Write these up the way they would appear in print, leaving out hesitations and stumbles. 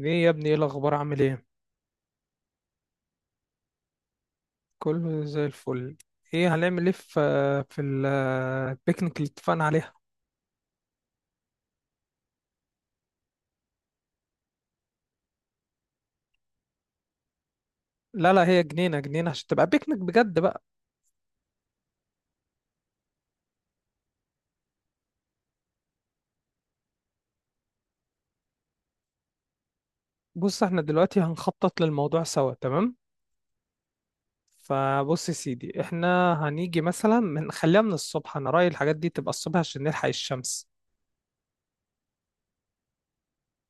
ايه يا ابني؟ ايه الاخبار؟ عامل ايه؟ كله زي الفل. ايه هنعمل؟ ايه في ال- البيكنيك اللي اتفقنا عليها؟ لا لا، هي جنينه جنينه عشان تبقى بيكنيك بجد بقى. بص، احنا دلوقتي هنخطط للموضوع سوا، تمام؟ فبص يا سيدي، احنا هنيجي مثلا من... خليها من الصبح، انا رايي الحاجات دي تبقى الصبح عشان نلحق الشمس.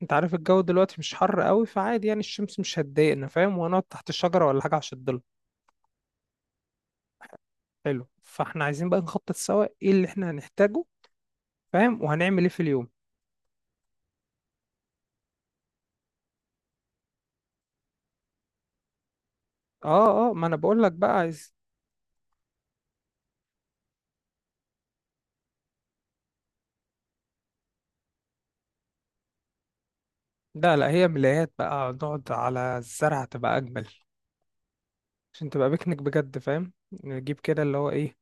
انت عارف الجو دلوقتي مش حر قوي، فعادي يعني الشمس مش هتضايقنا، فاهم؟ وهنقعد تحت الشجره ولا حاجه عشان الضل. حلو، فاحنا عايزين بقى نخطط سوا ايه اللي احنا هنحتاجه، فاهم؟ وهنعمل ايه في اليوم. اه اه، ما انا بقول لك بقى عايز. لا لا، هي ملايات بقى، نقعد على الزرع تبقى اجمل عشان تبقى بيكنيك بجد، فاهم؟ نجيب كده اللي هو ايه...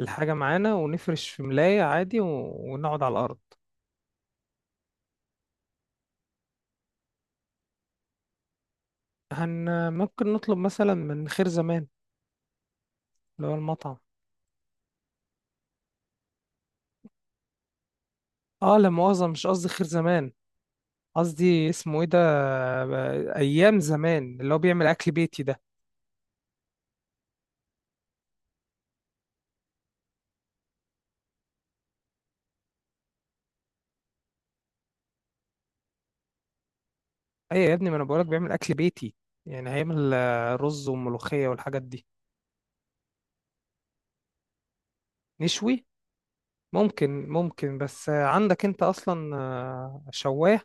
الحاجة معانا ونفرش في ملاية عادي و... ونقعد على الأرض. هن... ممكن نطلب مثلا من خير زمان، اللي هو المطعم. اه، لا مؤاخذة، مش قصدي خير زمان، قصدي اسمه ايه ده... أيام زمان، اللي هو بيعمل أكل بيتي ده. أيوة يا ابني، ما أنا بقولك بيعمل أكل بيتي، يعني هيعمل رز وملوخية والحاجات دي. نشوي؟ ممكن ممكن، بس عندك انت اصلا شواه؟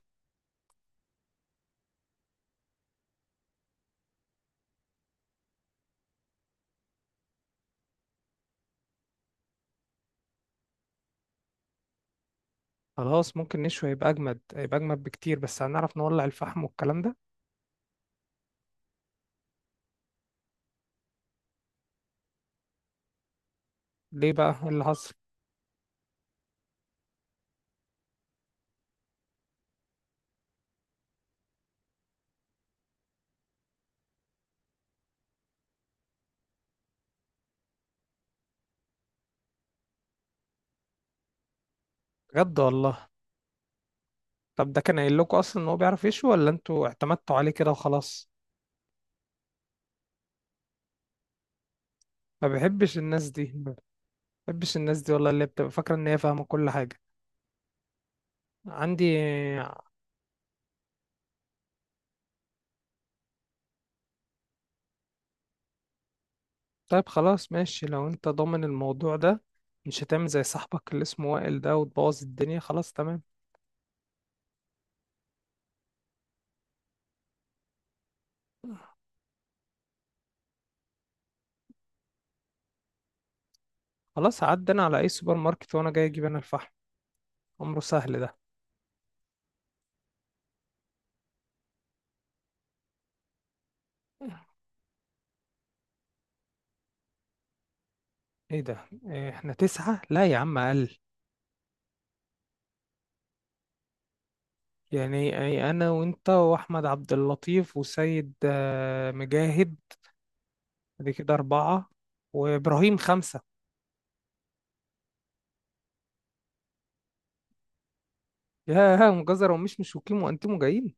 خلاص ممكن نشوي، يبقى اجمد، يبقى اجمد بكتير، بس هنعرف نولع الفحم والكلام ده؟ ليه بقى؟ ايه اللي حصل؟ بجد والله؟ طب ده كان قايل لكم اصلا ان هو بيعرف يشوي ولا انتوا اعتمدتوا عليه كده وخلاص؟ ما بحبش الناس دي والله، اللي بتبقى فاكره ان هي فاهمه كل حاجه. عندي. طيب خلاص، ماشي، لو انت ضامن الموضوع ده، مش هتعمل زي صاحبك اللي اسمه وائل ده وتبوظ الدنيا، خلاص تمام. خلاص هعدي انا على اي سوبر ماركت وانا جاي، اجيب انا الفحم، أمره سهل ده. إيه ده؟ إيه، إحنا تسعة؟ لا يا عم، أقل. يعني أنا وأنت وأحمد عبد اللطيف وسيد مجاهد، دي كده أربعة، وإبراهيم خمسة. يا مجزر ومش مشوكين وأنتم جايين.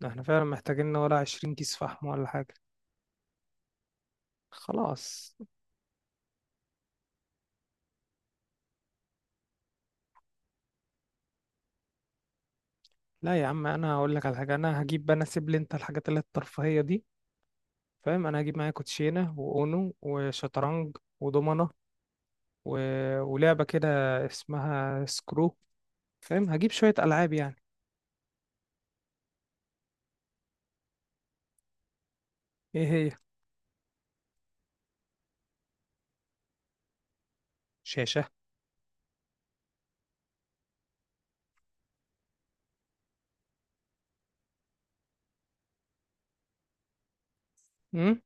ده إحنا فعلا محتاجين لنا ولا 20 كيس فحم ولا حاجة. خلاص، لا يا عم، أنا هقول لك على حاجة. أنا هجيب، أنا سيب لي أنت الحاجات اللي هي الترفيهية دي، فاهم؟ أنا هجيب معايا كوتشينة وأونو وشطرنج ودومنة و... ولعبة كده اسمها سكرو، فاهم؟ هجيب شوية ألعاب يعني. إيه هي؟ شاشة؟ امم.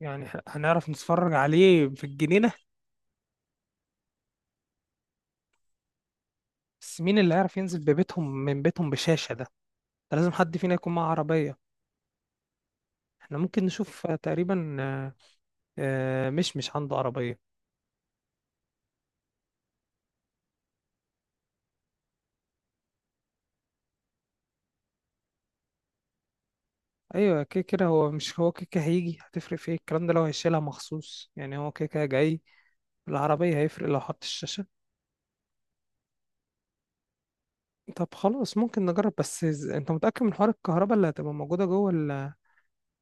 يعني هنعرف نتفرج عليه في الجنينة؟ بس مين اللي هيعرف ينزل ببيتهم من بيتهم بشاشة ده؟ ده لازم حد فينا يكون معاه عربية. احنا ممكن نشوف تقريبا، مش عنده عربية. أيوة، كده كده هو مش... هو كده كده هيجي، هتفرق في ايه الكلام ده؟ لو هيشيلها مخصوص يعني، هو كده كده جاي العربية، هيفرق لو حط الشاشة. طب خلاص ممكن نجرب، بس انت متأكد من حوار الكهرباء اللي هتبقى موجودة جوه ال...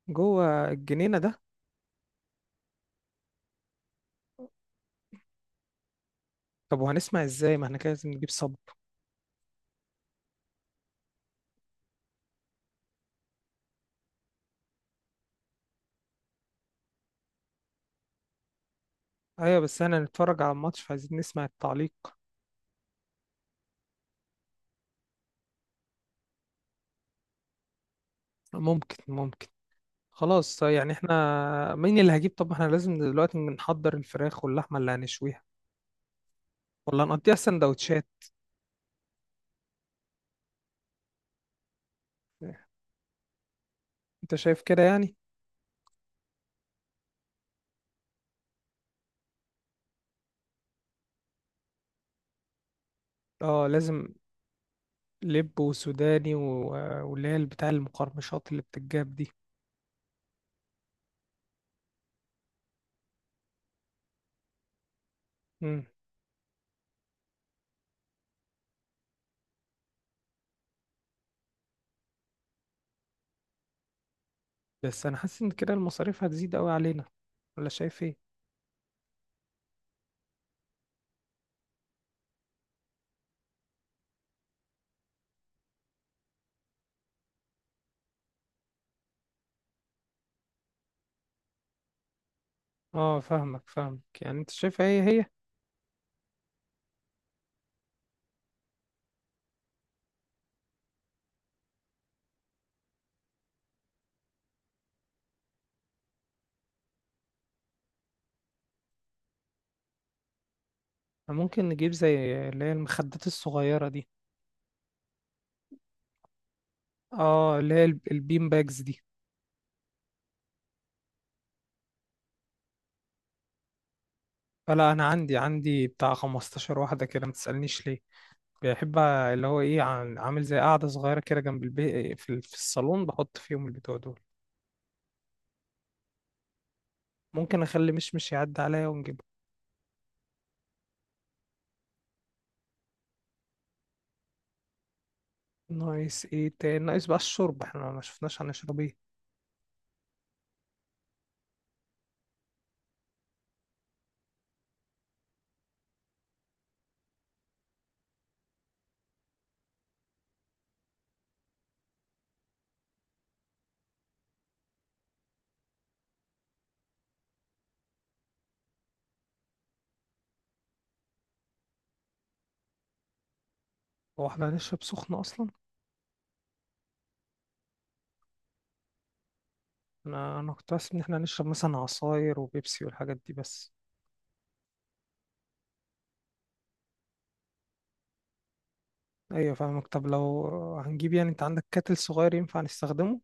جوه الجنينة ده؟ طب وهنسمع ازاي؟ ما احنا كده لازم نجيب صب. ايوه بس احنا نتفرج على الماتش، فعايزين نسمع التعليق. ممكن ممكن. خلاص، يعني احنا مين اللي هجيب؟ طب احنا لازم دلوقتي نحضر الفراخ واللحمه اللي هنشويها ولا نقضيها سندوتشات؟ انت شايف كده يعني؟ اه لازم. لب وسوداني واللي هي بتاع المقرمشات اللي بتتجاب دي. مم. بس انا حاسس ان كده المصاريف هتزيد قوي علينا، ولا شايف ايه؟ اه فاهمك فاهمك، يعني انت شايف ايه هي؟ ممكن نجيب زي اللي هي المخدات الصغيرة دي. اه، اللي هي البين باجز دي. فلا، انا عندي بتاع 15 واحده كده، ما تسالنيش ليه. بحب اللي هو ايه، عامل زي قاعده صغيره كده جنب البيت في، في الصالون بحط فيهم البتوع دول. ممكن اخلي مشمش يعدي عليا ونجيبه. ناقص ايه تاني؟ ناقص بقى الشرب، احنا ما شفناش هنشرب ايه. هو احنا هنشرب سخن اصلا؟ انا كنت حاسس ان احنا هنشرب مثلا عصاير وبيبسي والحاجات دي بس. ايوه فاهمك. طب لو هنجيب، يعني انت عندك كاتل صغير ينفع نستخدمه؟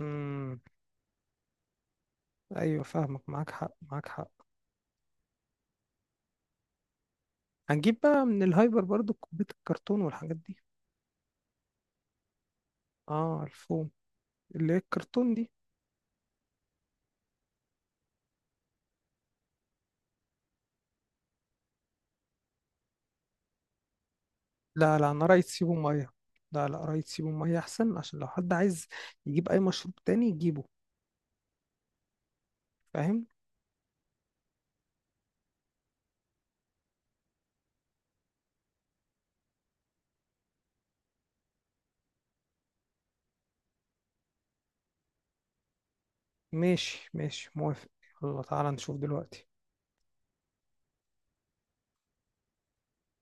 امم. ايوه فاهمك، معاك حق معاك حق. هنجيب بقى من الهايبر برضو كوباية الكرتون والحاجات دي. اه الفوم، اللي هي الكرتون دي. لا لا، انا رايت سيبه ميه. لا لا، رايت سيبه ميه احسن عشان لو حد عايز يجيب اي مشروب تاني يجيبه، فاهم؟ ماشي ماشي موافق. يلا تعالى نشوف دلوقتي.